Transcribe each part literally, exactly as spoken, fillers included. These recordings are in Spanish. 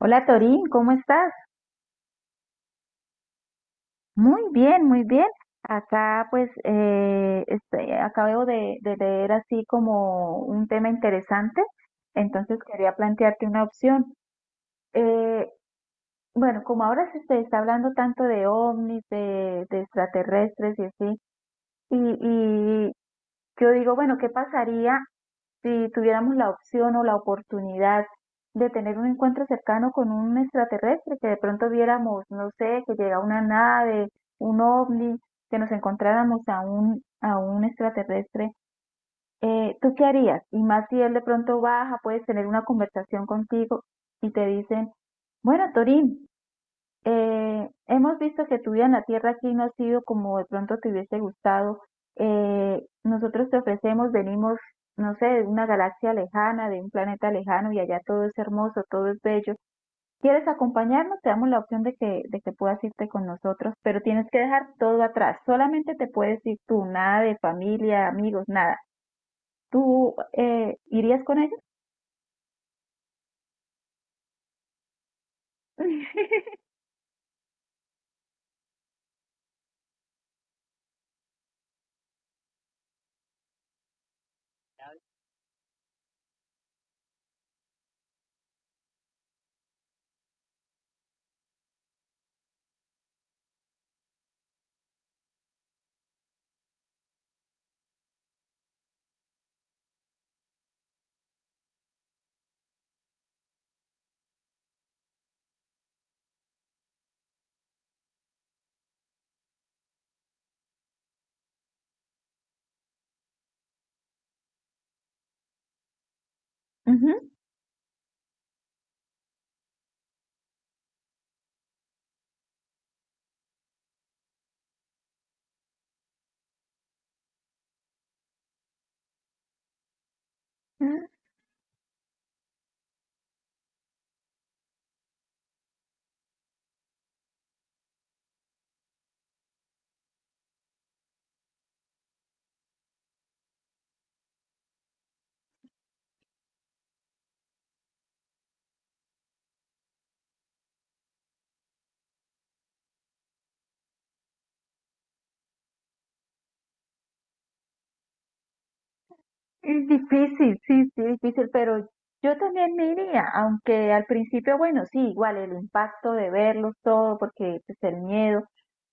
Hola Torín, ¿cómo estás? Muy bien, muy bien. Acá pues eh, estoy- acabo de, de leer así como un tema interesante, entonces quería plantearte una opción. Eh, bueno, como ahora se se está hablando tanto de ovnis, de, de extraterrestres y así, y, y yo digo, bueno, ¿qué pasaría si tuviéramos la opción o la oportunidad de tener un encuentro cercano con un extraterrestre, que de pronto viéramos, no sé, que llega una nave, un ovni, que nos encontráramos a un, a un extraterrestre, eh, ¿tú qué harías? Y más si él de pronto baja, puedes tener una conversación contigo y te dicen, bueno, Torín, eh, hemos visto que tu vida en la tierra aquí no ha sido como de pronto te hubiese gustado. Eh, nosotros te ofrecemos, venimos, no sé, de una galaxia lejana, de un planeta lejano y allá todo es hermoso, todo es bello. ¿Quieres acompañarnos? Te damos la opción de que, de que puedas irte con nosotros, pero tienes que dejar todo atrás. Solamente te puedes ir tú, nada de familia, amigos, nada. ¿Tú eh, irías con ellos? Ujú. Es difícil, sí, sí, difícil, pero yo también me iría, aunque al principio, bueno, sí, igual el impacto de verlos todo, porque pues el miedo,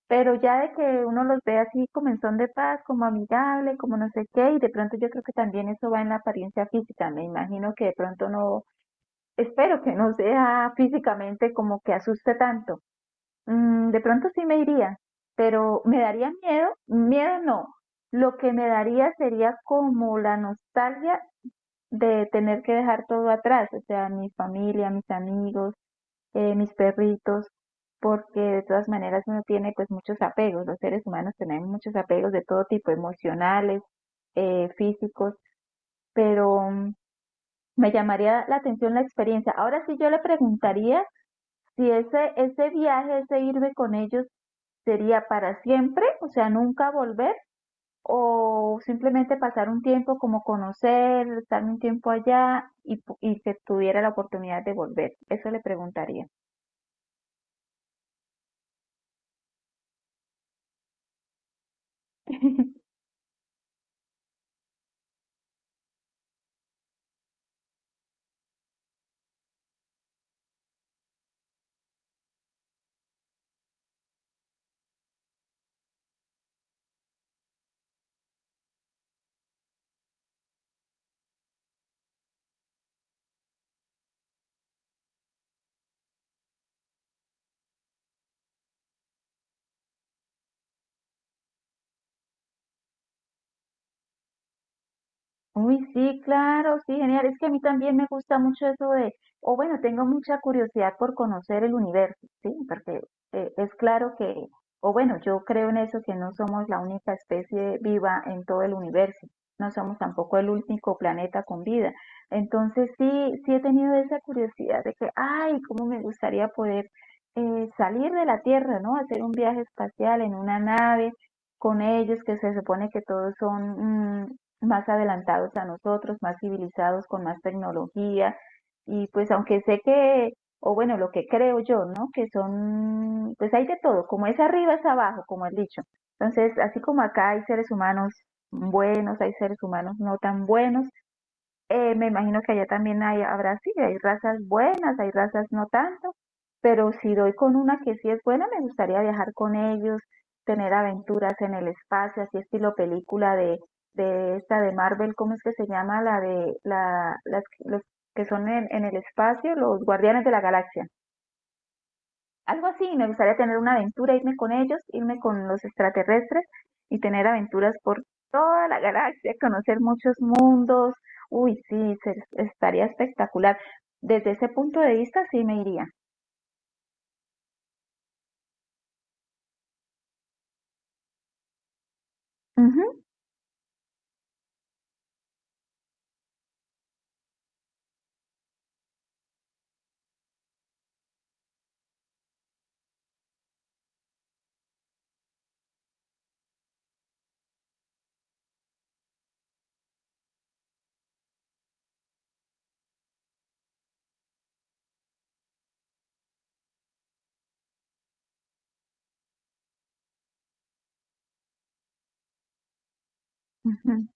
pero ya de que uno los ve así como en son de paz, como amigable, como no sé qué, y de pronto yo creo que también eso va en la apariencia física, me imagino que de pronto no, espero que no sea físicamente como que asuste tanto. Mm, de pronto sí me iría, pero me daría miedo, miedo no, lo que me daría sería como la nostalgia de tener que dejar todo atrás, o sea, mi familia, mis amigos, eh, mis perritos, porque de todas maneras uno tiene pues muchos apegos, los seres humanos tenemos muchos apegos de todo tipo, emocionales, eh, físicos, pero mm, me llamaría la atención la experiencia. Ahora sí yo le preguntaría si ese, ese viaje, ese irme con ellos sería para siempre, o sea, nunca volver o simplemente pasar un tiempo como conocer, estar un tiempo allá y, pu- y que tuviera la oportunidad de volver. Eso le preguntaría. Uy, sí, claro, sí, genial. Es que a mí también me gusta mucho eso de, o bueno, tengo mucha curiosidad por conocer el universo, ¿sí? Porque eh, es claro que, o bueno, yo creo en eso, que no somos la única especie viva en todo el universo, no somos tampoco el único planeta con vida. Entonces sí, sí he tenido esa curiosidad de que, ay, cómo me gustaría poder eh, salir de la Tierra, ¿no? Hacer un viaje espacial en una nave con ellos, que se supone que todos son mm, más adelantados a nosotros, más civilizados, con más tecnología. Y pues aunque sé que, o bueno, lo que creo yo, ¿no? Que son, pues hay de todo, como es arriba es abajo, como he dicho. Entonces, así como acá hay seres humanos buenos, hay seres humanos no tan buenos, eh, me imagino que allá también hay, habrá, sí, hay razas buenas, hay razas no tanto, pero si doy con una que sí es buena, me gustaría viajar con ellos, tener aventuras en el espacio, así estilo película de, de esta de Marvel, ¿cómo es que se llama? La de la, las, los que son en, en el espacio, los Guardianes de la Galaxia. Algo así, me gustaría tener una aventura, irme con ellos, irme con los extraterrestres y tener aventuras por toda la galaxia, conocer muchos mundos. Uy, sí, se- estaría espectacular. Desde ese punto de vista, sí me iría. Ujú, ujú.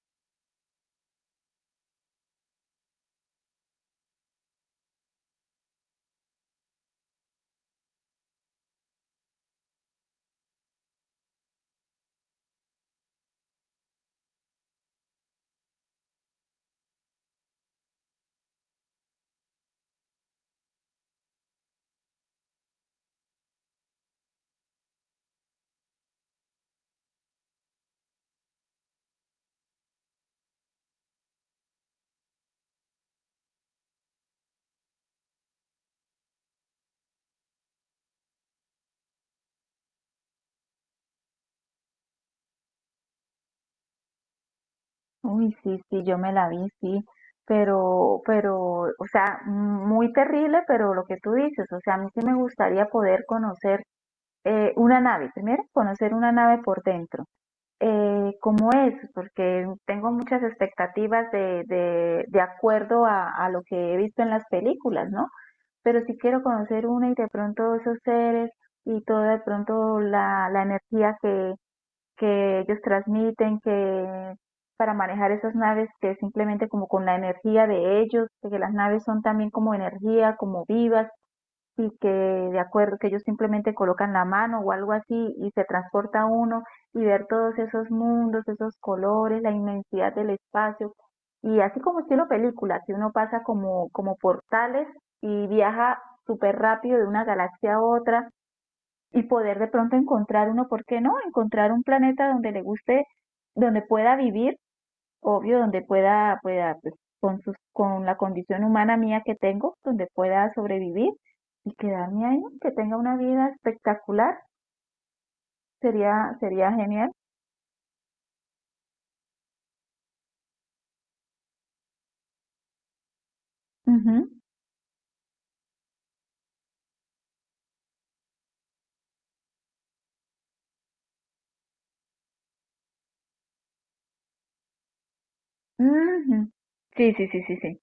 Uy, sí, sí, yo me la vi, sí. Pero, pero, o sea, muy terrible, pero lo que tú dices, o sea, a mí sí me gustaría poder conocer eh, una nave, primero conocer una nave por dentro eh, cómo es, porque tengo muchas expectativas de, de, de acuerdo a, a lo que he visto en las películas, ¿no? Pero sí quiero conocer una y de pronto esos seres y toda de pronto la, la energía que, que ellos transmiten, que para manejar esas naves que es simplemente como con la energía de ellos, que las naves son también como energía, como vivas, y que de acuerdo que ellos simplemente colocan la mano o algo así y se transporta uno y ver todos esos mundos, esos colores, la inmensidad del espacio y así como estilo película, que uno pasa como como portales y viaja súper rápido de una galaxia a otra y poder de pronto encontrar uno, ¿por qué no? Encontrar un planeta donde le guste, donde pueda vivir obvio, donde pueda, pueda, pues, con sus, con la condición humana mía que tengo, donde pueda sobrevivir y quedarme ahí, que tenga una vida espectacular, sería, sería genial. Ujú, ujú. Sí, sí, sí, sí, sí.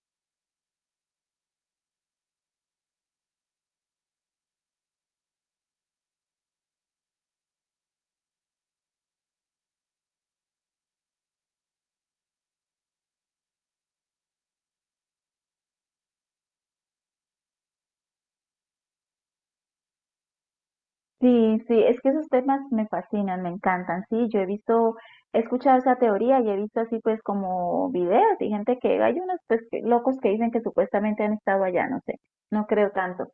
Sí, sí, es que esos temas me fascinan, me encantan, sí, yo he visto, he escuchado esa teoría y he visto así pues como videos y gente que, hay unos pues que- locos que dicen que supuestamente han estado allá, no sé, no creo tanto,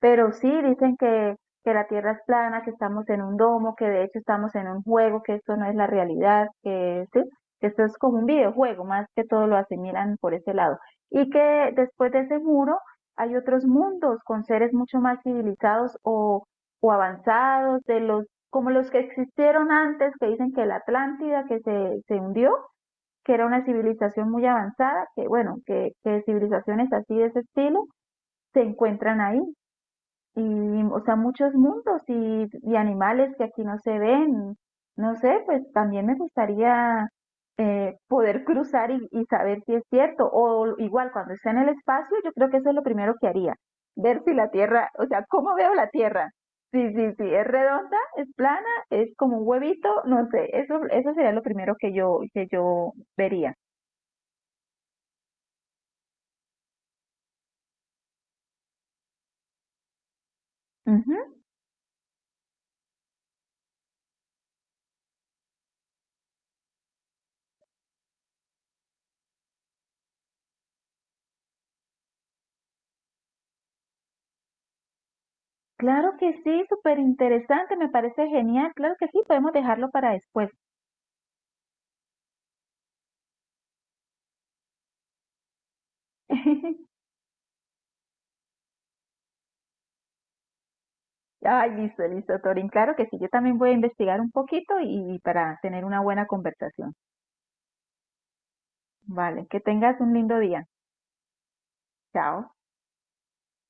pero sí dicen que, que la Tierra es plana, que estamos en un domo, que de hecho estamos en un juego, que esto no es la realidad, que sí, que esto es como un videojuego, más que todo lo asimilan por ese lado, y que después de ese muro hay otros mundos con seres mucho más civilizados o o avanzados, de los como los que existieron antes, que dicen que la Atlántida que se, se hundió, que era una civilización muy avanzada, que bueno, que, que civilizaciones así de ese estilo se encuentran ahí, y, o sea, muchos mundos y, y animales que aquí no se ven. No sé, pues también me gustaría eh, poder cruzar y, y saber si es cierto. O igual, cuando esté en el espacio, yo creo que eso es lo primero que haría. Ver si la Tierra, o sea, ¿cómo veo la Tierra? Sí, sí, sí, es redonda, es plana, es como un huevito, no sé, eso, eso sería lo primero que yo, que yo vería. Ujú, claro que sí, súper interesante, me parece genial, claro que sí, podemos dejarlo para después. Ay, listo, listo, Torín. Claro que sí, yo también voy a investigar un poquito y, y para tener una buena conversación. Vale, que tengas un lindo día. Chao.